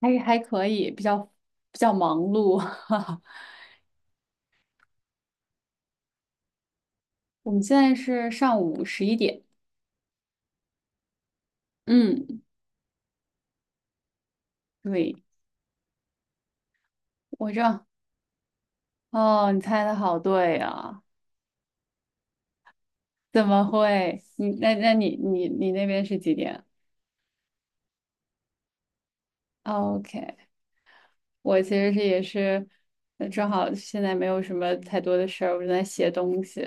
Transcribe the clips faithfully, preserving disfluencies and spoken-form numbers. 还还可以，比较比较忙碌。我们现在是上午十一点。嗯，对，我这哦，你猜的好对啊！怎么会？你那那你你你那边是几点哦？OK，我其实是也是，呃正好现在没有什么太多的事儿，我正在写东西。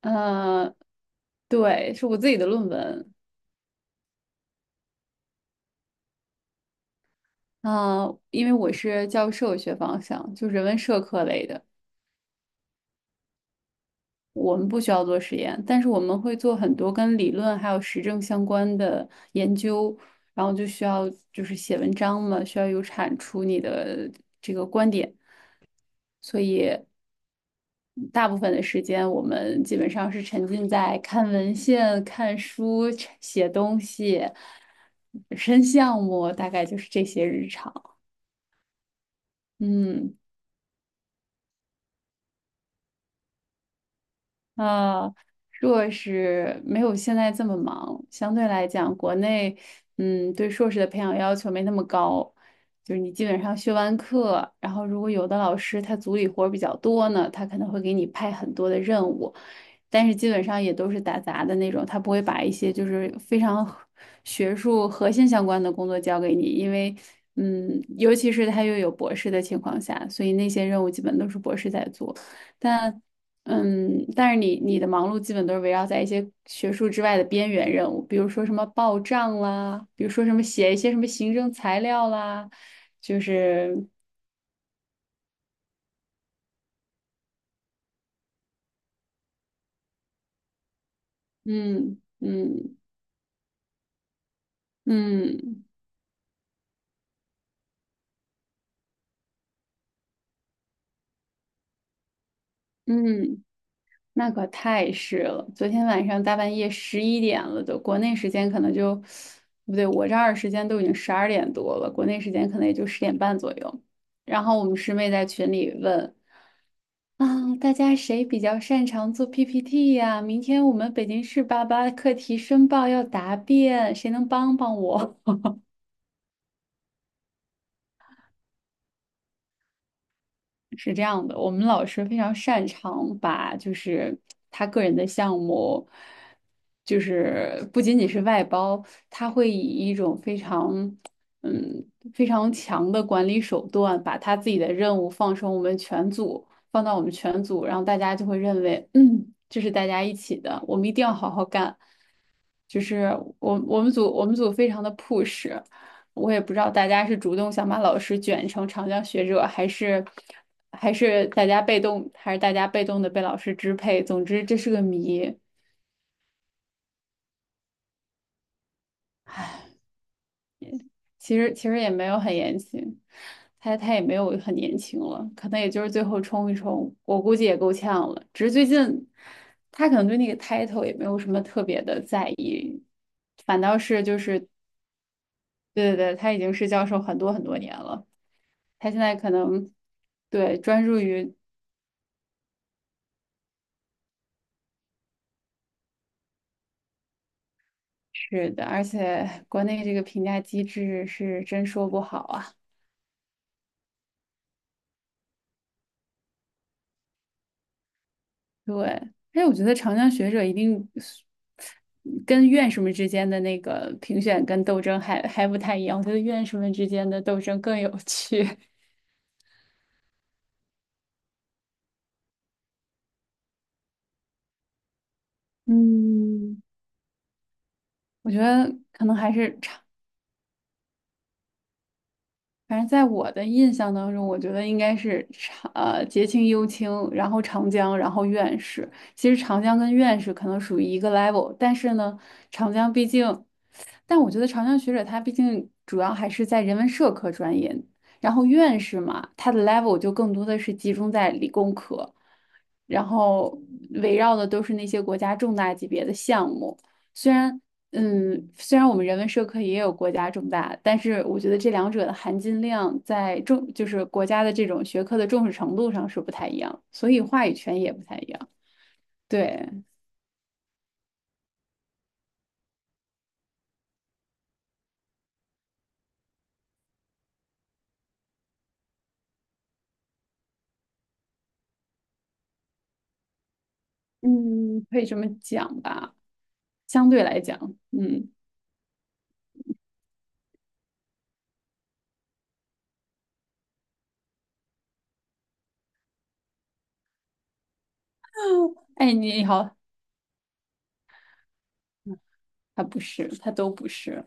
嗯，对，是我自己的论文。嗯，因为我是教授学方向，就人文社科类的。我们不需要做实验，但是我们会做很多跟理论还有实证相关的研究，然后就需要就是写文章嘛，需要有产出你的这个观点，所以大部分的时间我们基本上是沉浸在看文献、看书、写东西、申项目，大概就是这些日常。嗯。呃，硕士没有现在这么忙，相对来讲，国内嗯对硕士的培养要求没那么高，就是你基本上学完课，然后如果有的老师他组里活儿比较多呢，他可能会给你派很多的任务，但是基本上也都是打杂的那种，他不会把一些就是非常核学术核心相关的工作交给你，因为嗯，尤其是他又有博士的情况下，所以那些任务基本都是博士在做。但嗯，但是你你的忙碌基本都是围绕在一些学术之外的边缘任务，比如说什么报账啦，比如说什么写一些什么行政材料啦，就是嗯嗯嗯嗯。嗯那可太是了，昨天晚上大半夜十一点了都，国内时间可能就，不对，我这儿时间都已经十二点多了，国内时间可能也就十点半左右。然后我们师妹在群里问啊，大家谁比较擅长做 P P T 呀？明天我们北京市八八课题申报要答辩，谁能帮帮我？是这样的，我们老师非常擅长把就是他个人的项目，就是不仅仅是外包，他会以一种非常嗯非常强的管理手段，把他自己的任务放成我们全组，放到我们全组，然后大家就会认为，嗯，这是大家一起的，我们一定要好好干。就是我我们组我们组非常的 push，我也不知道大家是主动想把老师卷成长江学者，还是还是大家被动，还是大家被动的被老师支配。总之这是个谜，其实其实也没有很严情，他他也没有很年轻了，可能也就是最后冲一冲，我估计也够呛了。只是最近他可能对那个 title 也没有什么特别的在意，反倒是就是对对对，他已经是教授很多很多年了。他现在可能对专注于是的，而且国内这个评价机制是真说不好啊。对，哎，我觉得长江学者一定是跟院士们之间的那个评选跟斗争还还不太一样，我觉得院士们之间的斗争更有趣。嗯，我觉得可能还是长。反正在我的印象当中，我觉得应该是长呃节庆、幽青，然后长江，然后院士。其实长江跟院士可能属于一个 level，但是呢，长江毕竟。但我觉得长江学者他毕竟主要还是在人文社科专业，然后院士嘛，他的 level 就更多的是集中在理工科，然后围绕的都是那些国家重大级别的项目。虽然，嗯，虽然我们人文社科也有国家重大，但是我觉得这两者的含金量在重，就是国家的这种学科的重视程度上是不太一样，所以话语权也不太一样。对，嗯，可以这么讲吧，相对来讲，嗯。哎，你好，他不是，他都不是。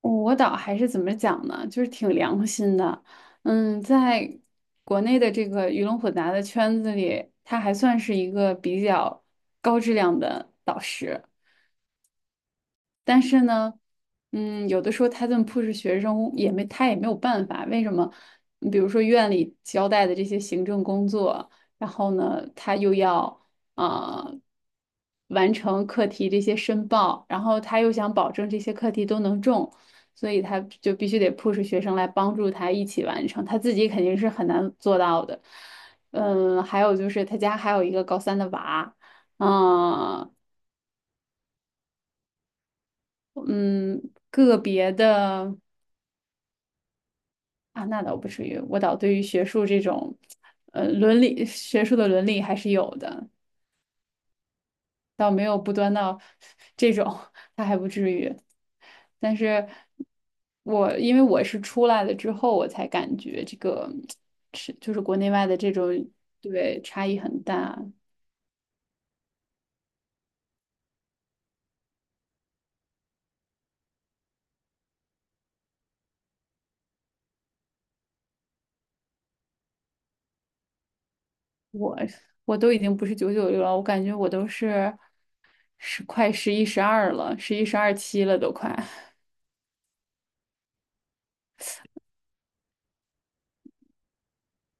我导还是怎么讲呢？就是挺良心的。嗯，在国内的这个鱼龙混杂的圈子里，他还算是一个比较高质量的导师。但是呢，嗯，有的时候他这么 push 学生也没他也没有办法，为什么？你比如说院里交代的这些行政工作，然后呢，他又要啊、呃完成课题这些申报，然后他又想保证这些课题都能中，所以他就必须得 push 学生来帮助他一起完成，他自己肯定是很难做到的。嗯，还有就是他家还有一个高三的娃。啊，嗯，个别的，啊，那倒不至于，我倒对于学术这种，呃，伦理学术的伦理还是有的，倒没有不端到这种，他还不至于。但是我因为我是出来了之后，我才感觉这个是就是国内外的这种对差异很大。我我都已经不是九九六了，我感觉我都是十快十一十二了，十一十二期了都快。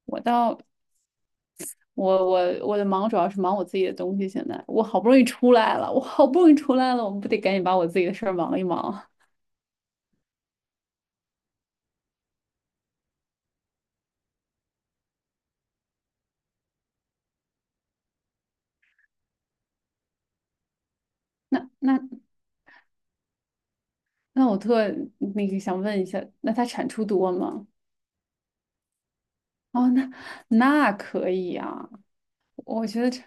我倒我我我的忙主要是忙我自己的东西。现在我好不容易出来了，我好不容易出来了，我们不得赶紧把我自己的事儿忙一忙啊？那那那我特那个想问一下，那它产出多吗？哦，那那可以啊，我觉得这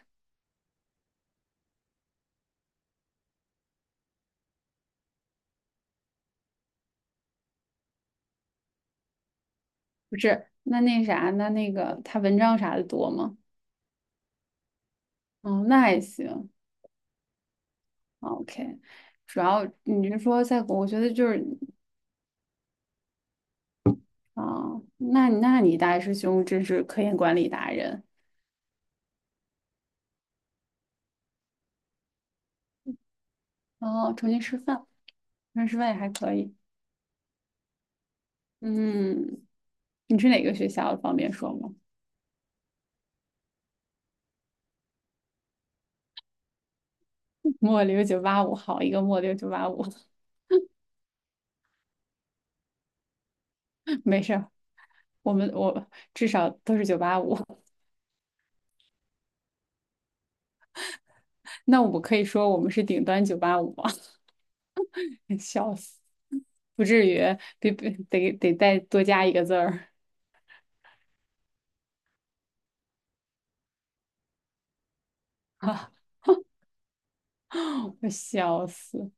不是那那啥，那那个他文章啥的多吗？哦，那还行哦，OK。主要你是说在国，我觉得就是啊、那那你大师兄真是科研管理达人。哦，重新师范，重新吃饭也还可以。嗯，你是哪个学校的方便说吗？末流九八五，好一个末流九八五，没事儿，我们我至少都是九八五，那我可以说我们是顶端九八五吗？笑死，不至于，得得得再多加一个字儿 啊！我笑死，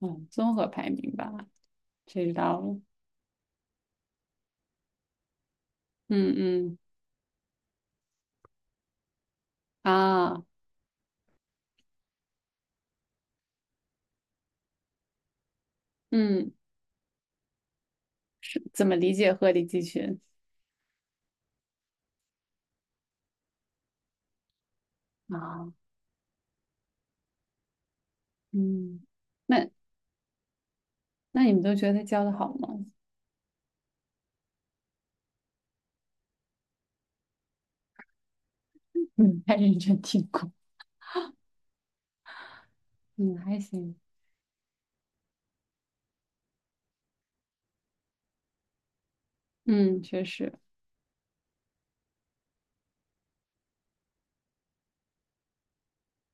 嗯，综合排名吧，谁知道了？嗯嗯啊，嗯，怎么理解鹤立鸡群啊？嗯，那那你们都觉得他教的好吗？嗯，太认真听过。嗯，还行，嗯，确实，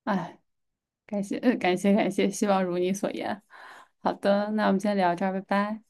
哎，感谢，呃感谢，感谢，希望如你所言。好的，那我们今天聊这儿，拜拜。